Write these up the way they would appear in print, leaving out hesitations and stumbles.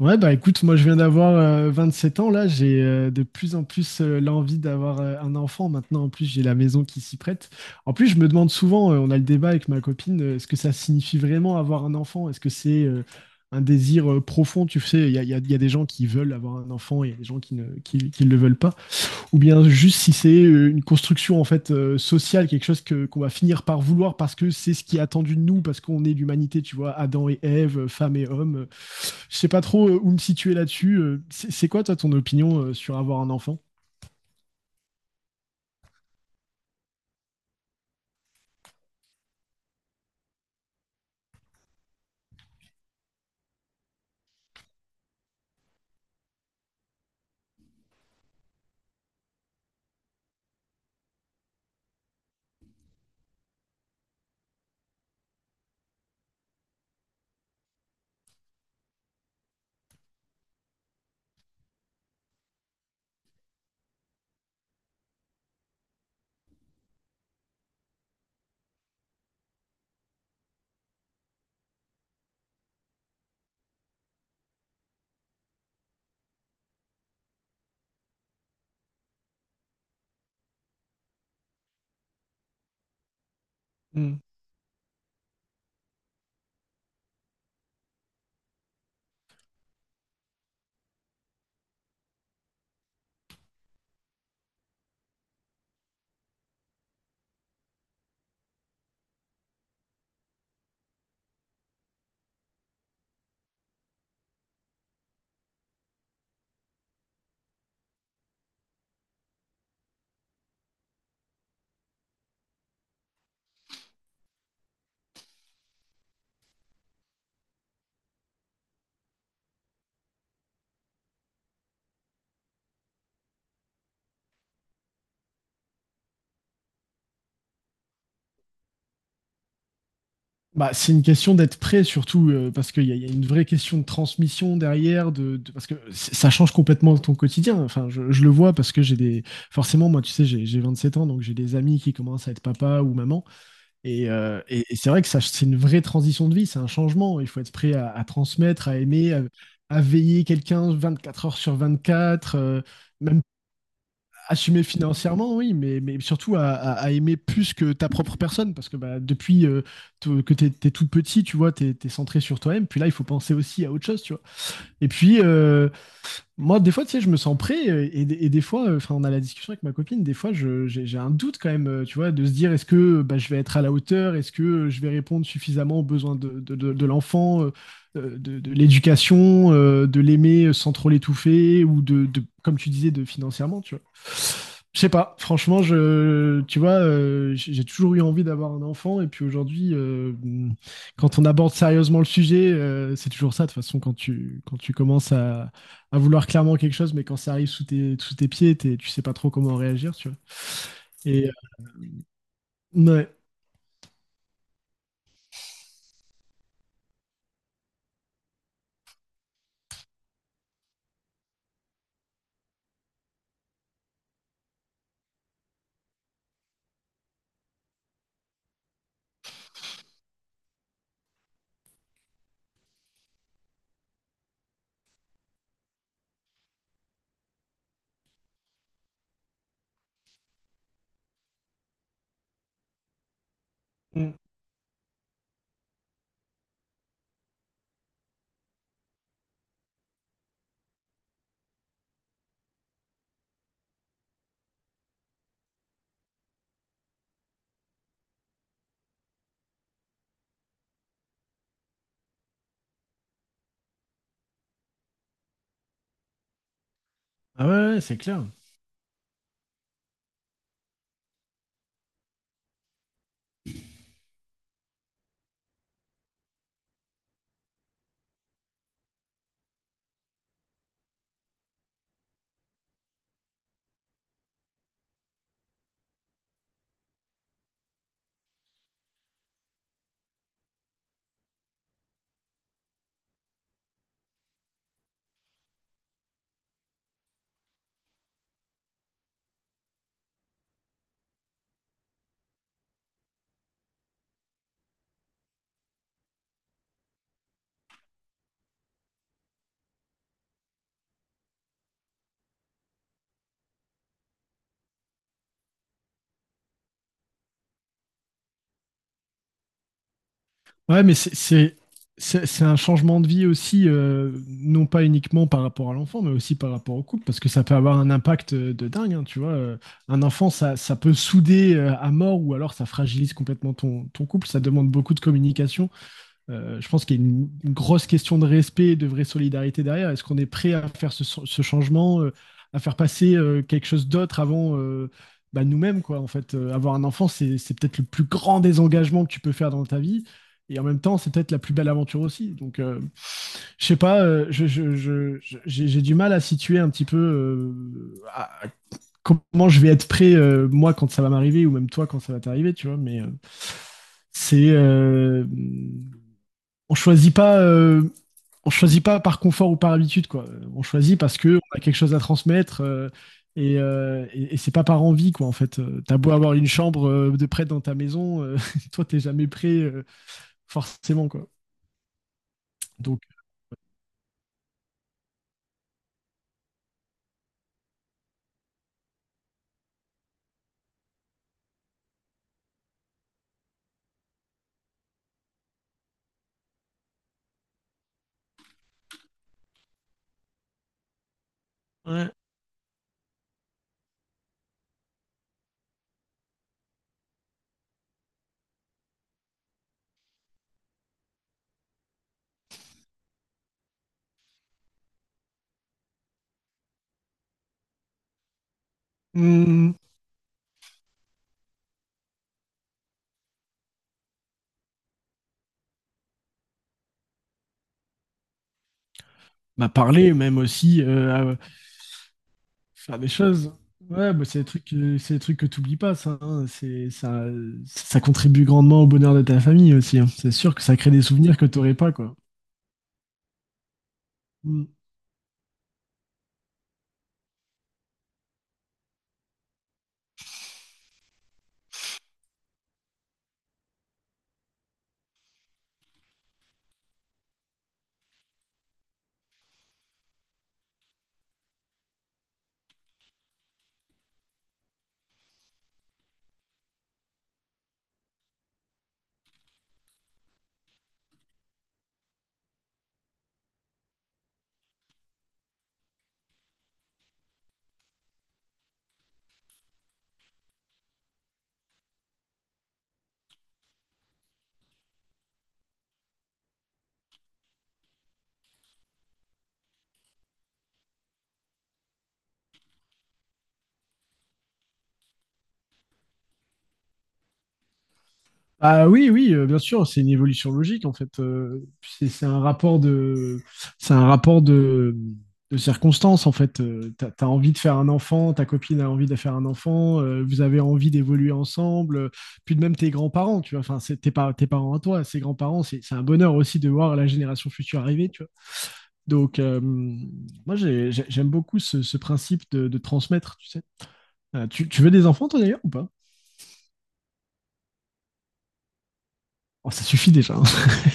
Ouais, bah écoute, moi je viens d'avoir 27 ans, là j'ai de plus en plus l'envie d'avoir un enfant. Maintenant, en plus, j'ai la maison qui s'y prête. En plus, je me demande souvent, on a le débat avec ma copine, est-ce que ça signifie vraiment avoir un enfant? Est-ce que c'est un désir profond? Tu sais, il y a des gens qui veulent avoir un enfant, et il y a des gens qui ne le veulent pas ou bien juste si c'est une construction en fait sociale, quelque chose que qu'on va finir par vouloir parce que c'est ce qui est attendu de nous, parce qu'on est l'humanité, tu vois, Adam et Ève, femme et homme. Je sais pas trop où me situer là-dessus. C'est quoi toi ton opinion sur avoir un enfant. Mm. Bah, c'est une question d'être prêt, surtout parce a une vraie question de transmission derrière, de parce que ça change complètement ton quotidien. Enfin, je le vois parce que j'ai des. Forcément, moi, tu sais, j'ai 27 ans, donc j'ai des amis qui commencent à être papa ou maman. Et c'est vrai que ça, c'est une vraie transition de vie, c'est un changement. Il faut être prêt à transmettre, à aimer, à veiller quelqu'un 24 heures sur 24, même assumer financièrement, oui, mais surtout à aimer plus que ta propre personne, parce que bah, depuis t'es tout petit, tu vois, t'es centré sur toi-même. Puis là, il faut penser aussi à autre chose, tu vois. Et puis, moi, des fois, tu sais, je me sens prêt et des fois, enfin, on a la discussion avec ma copine, des fois, j'ai un doute quand même, tu vois, de se dire, est-ce que bah, je vais être à la hauteur, est-ce que je vais répondre suffisamment aux besoins de l'enfant, de l'éducation, de l'aimer sans trop l'étouffer ou comme tu disais, de financièrement, tu vois. Je sais pas, franchement, tu vois, j'ai toujours eu envie d'avoir un enfant et puis aujourd'hui, quand on aborde sérieusement le sujet, c'est toujours ça, de toute façon, quand tu commences à vouloir clairement quelque chose, mais quand ça arrive sous tes pieds, tu sais pas trop comment réagir, tu vois. Et ouais. Mm. Ah ouais, ouais, c'est clair. Ouais, mais c'est un changement de vie aussi, non pas uniquement par rapport à l'enfant, mais aussi par rapport au couple, parce que ça peut avoir un impact de dingue, hein, tu vois. Un enfant, ça peut souder à mort, ou alors ça fragilise complètement ton couple, ça demande beaucoup de communication. Je pense qu'il y a une grosse question de respect et de vraie solidarité derrière. Est-ce qu'on est prêt à faire ce changement, à faire passer quelque chose d'autre avant bah, nous-mêmes, quoi. En fait, avoir un enfant, c'est peut-être le plus grand désengagement que tu peux faire dans ta vie. Et en même temps, c'est peut-être la plus belle aventure aussi. Donc, je sais pas, j'ai du mal à situer un petit peu à comment je vais être prêt, moi, quand ça va m'arriver, ou même toi, quand ça va t'arriver, tu vois. Mais c'est. On choisit pas, euh, on choisit pas par confort ou par habitude, quoi. On choisit parce que on a quelque chose à transmettre et c'est pas par envie, quoi. En fait, t'as beau avoir une chambre de près dans ta maison, toi t'es jamais prêt, forcément, quoi. Donc, ouais. Hmm. Bah, parler, même aussi faire des choses. Ouais, bah, c'est des trucs que t'oublies pas, ça, hein. C'est ça, ça contribue grandement au bonheur de ta famille aussi, hein. C'est sûr que ça crée des souvenirs que t'aurais pas, quoi. Hmm. Ah oui, oui, bien sûr, c'est une évolution logique en fait. C'est un rapport c'est un rapport de, de circonstances en fait. T'as envie de faire un enfant, ta copine a envie de faire un enfant, vous avez envie d'évoluer ensemble. Puis de même tes grands-parents, tu vois. Enfin, tes parents à toi, ses grands-parents, c'est un bonheur aussi de voir la génération future arriver, tu vois. Donc j'aime beaucoup ce principe de transmettre, tu sais. Tu veux des enfants toi d'ailleurs ou pas? Oh, ça suffit déjà, hein.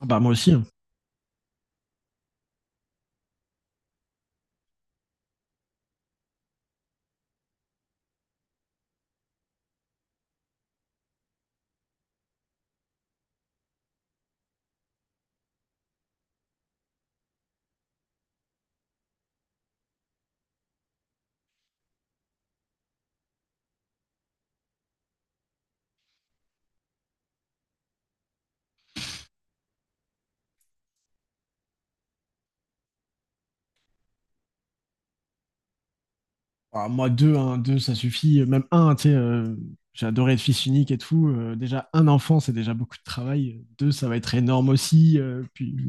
Ah bah moi aussi, hein. Ah, moi, deux, hein, deux, ça suffit. Même un, tu sais, j'ai adoré être fils unique et tout. Déjà, un enfant, c'est déjà beaucoup de travail. Deux, ça va être énorme aussi, puis,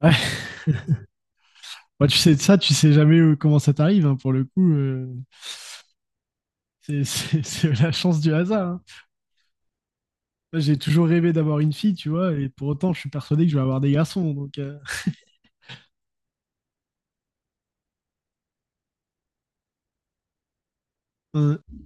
ouais. Moi, tu sais de ça, tu sais jamais comment ça t'arrive, hein, pour le coup. C'est la chance du hasard, hein. Moi, j'ai toujours rêvé d'avoir une fille, tu vois, et pour autant, je suis persuadé que je vais avoir des garçons. Donc, euh,